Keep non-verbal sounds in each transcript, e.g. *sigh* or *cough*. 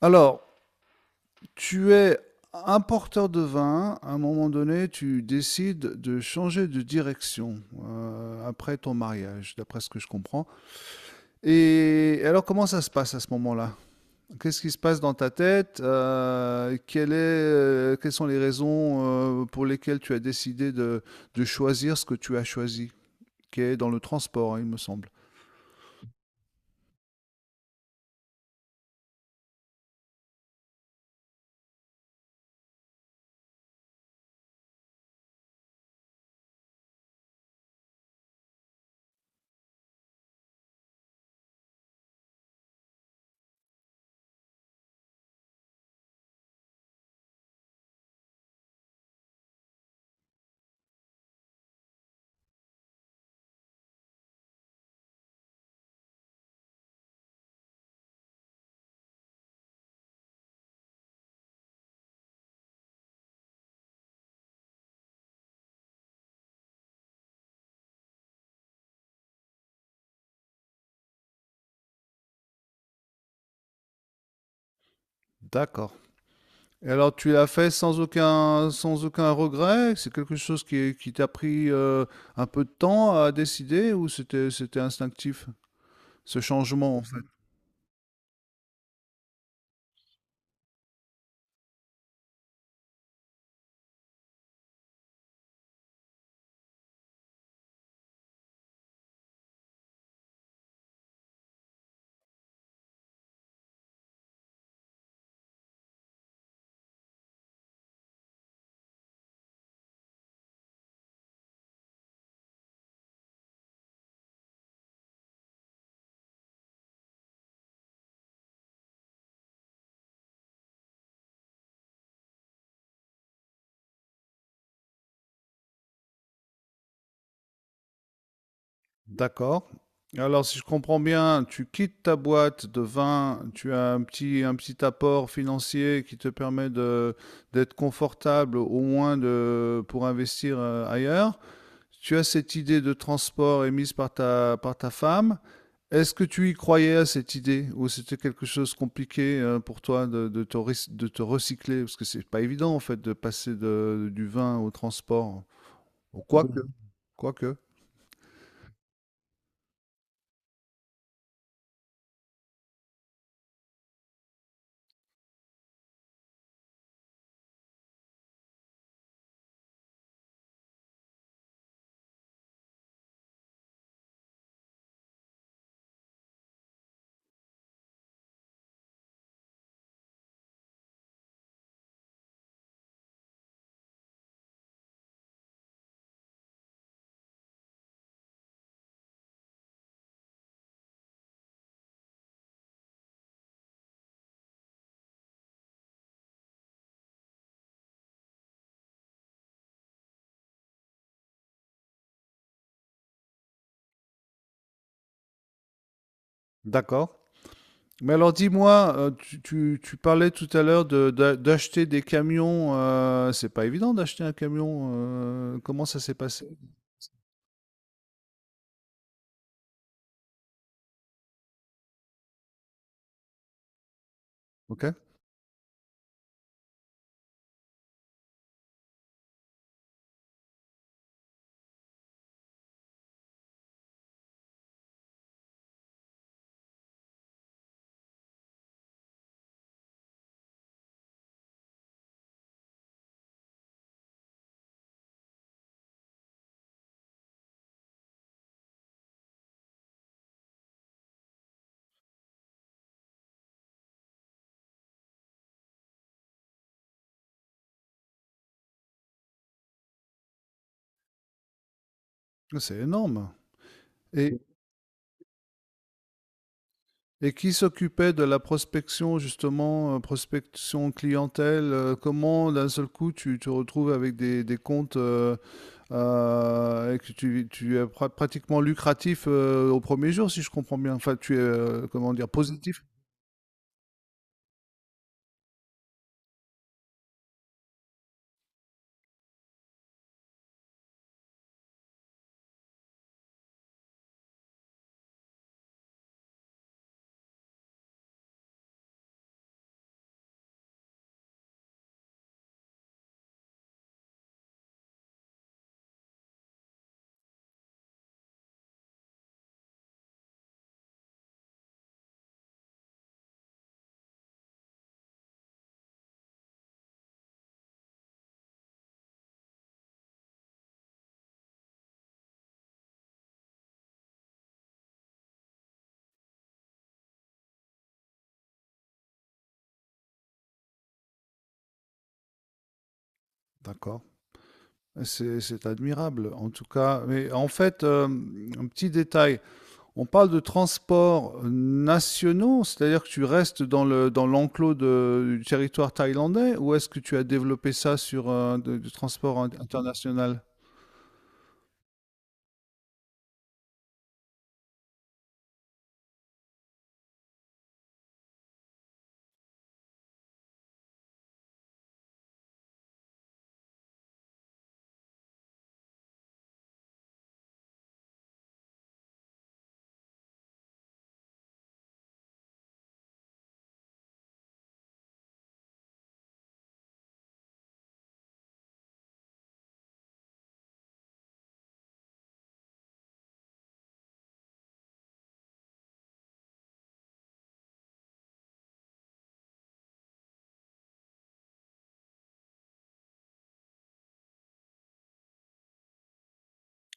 Alors, tu es importeur de vin, à un moment donné, tu décides de changer de direction après ton mariage, d'après ce que je comprends. Et alors, comment ça se passe à ce moment-là? Qu'est-ce qui se passe dans ta tête? Quelle quelles sont les raisons pour lesquelles tu as décidé de choisir ce que tu as choisi, qui est dans le transport, hein, il me semble. D'accord. Et alors, tu l'as fait sans aucun, sans aucun regret? C'est quelque chose qui t'a pris un peu de temps à décider ou c'était instinctif, ce changement en fait? D'accord. Alors, si je comprends bien, tu quittes ta boîte de vin, tu as un petit apport financier qui te permet d'être confortable au moins de, pour investir ailleurs. Tu as cette idée de transport émise par ta femme. Est-ce que tu y croyais à cette idée ou c'était quelque chose de compliqué pour toi de, de te recycler? Parce que c'est pas évident en fait de passer du vin au transport. Bon, quoique, mhm, quoique. D'accord. Mais alors dis-moi, tu parlais tout à l'heure d'acheter des camions. C'est pas évident d'acheter un camion. Comment ça s'est passé? Ok, c'est énorme. Et, Et qui s'occupait de la prospection, justement, prospection clientèle? Comment d'un seul coup tu te retrouves avec des comptes et que pratiquement lucratif au premier jour, si je comprends bien. Enfin, tu es, comment dire, positif. D'accord. C'est admirable, en tout cas. Mais en fait, un petit détail. On parle de transports nationaux, c'est-à-dire que tu restes dans le dans l'enclos du territoire thaïlandais, ou est-ce que tu as développé ça sur du transport international?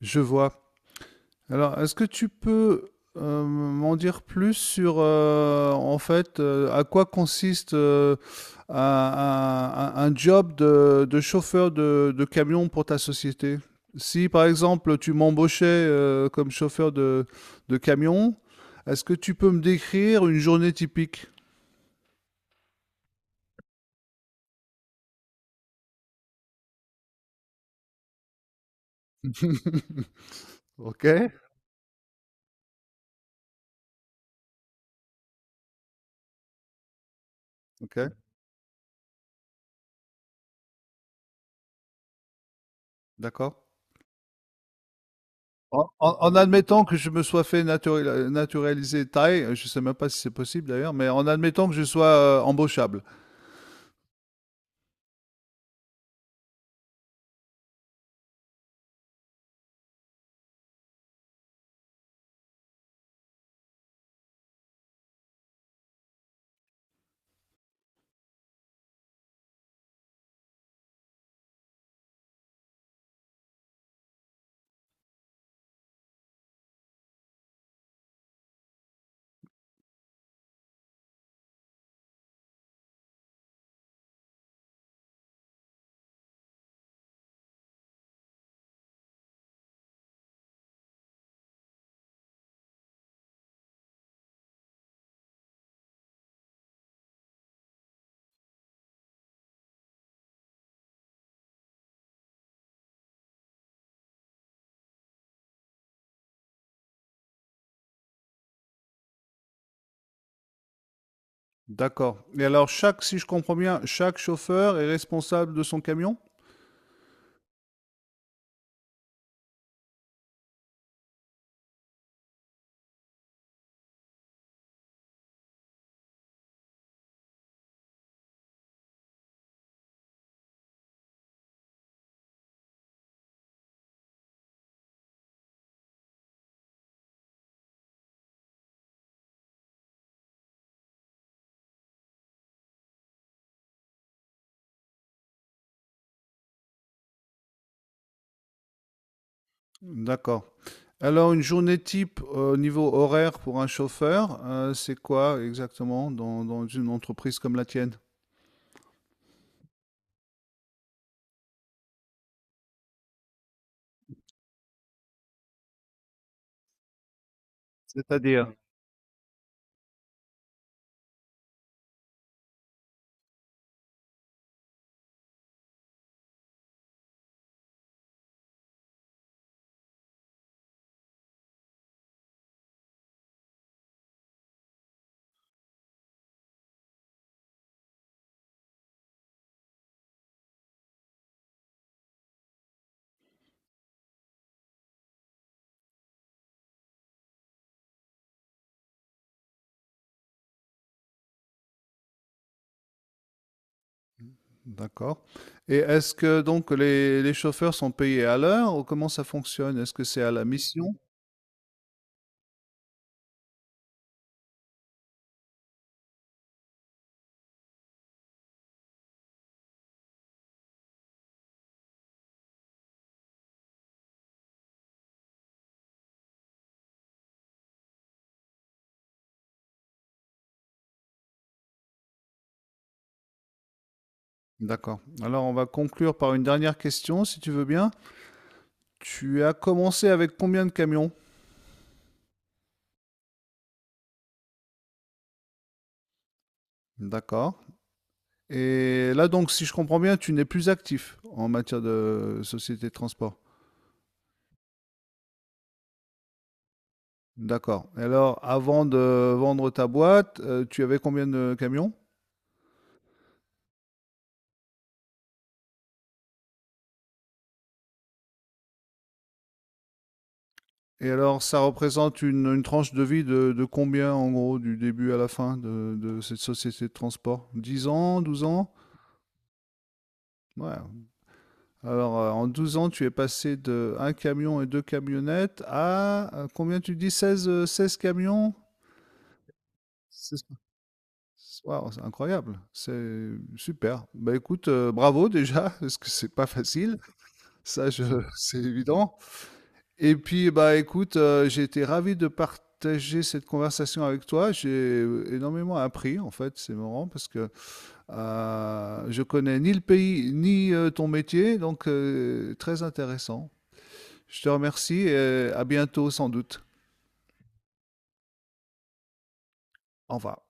Je vois. Alors, est-ce que tu peux m'en dire plus sur, à quoi consiste un, un job de chauffeur de camion pour ta société? Si, par exemple, tu m'embauchais comme chauffeur de camion, est-ce que tu peux me décrire une journée typique? *laughs* Ok, ok, d'accord. En, en admettant que je me sois fait naturaliser thaï, je ne sais même pas si c'est possible d'ailleurs, mais en admettant que je sois embauchable. D'accord. Et alors, chaque, si je comprends bien, chaque chauffeur est responsable de son camion? D'accord. Alors, une journée type au niveau horaire pour un chauffeur, c'est quoi exactement dans, dans une entreprise comme la tienne? D'accord. Et est-ce que donc les chauffeurs sont payés à l'heure ou comment ça fonctionne? Est-ce que c'est à la mission? D'accord. Alors, on va conclure par une dernière question, si tu veux bien. Tu as commencé avec combien de camions? D'accord. Et là, donc, si je comprends bien, tu n'es plus actif en matière de société de transport. D'accord. Et alors, avant de vendre ta boîte, tu avais combien de camions? Et alors, ça représente une tranche de vie de combien, en gros, du début à la fin de cette société de transport? 10 ans, 12 ans? Ouais, alors, en 12 ans, tu es passé de un camion et deux camionnettes à combien tu dis 16, 16 camions? 16. Waouh, c'est incroyable, c'est super. Bah écoute, bravo déjà, *laughs* parce que c'est pas facile, ça je, *laughs* c'est évident. Et puis bah écoute, j'ai été ravi de partager cette conversation avec toi. J'ai énormément appris en fait, c'est marrant parce que je connais ni le pays ni ton métier, donc très intéressant. Je te remercie et à bientôt sans doute. Au revoir.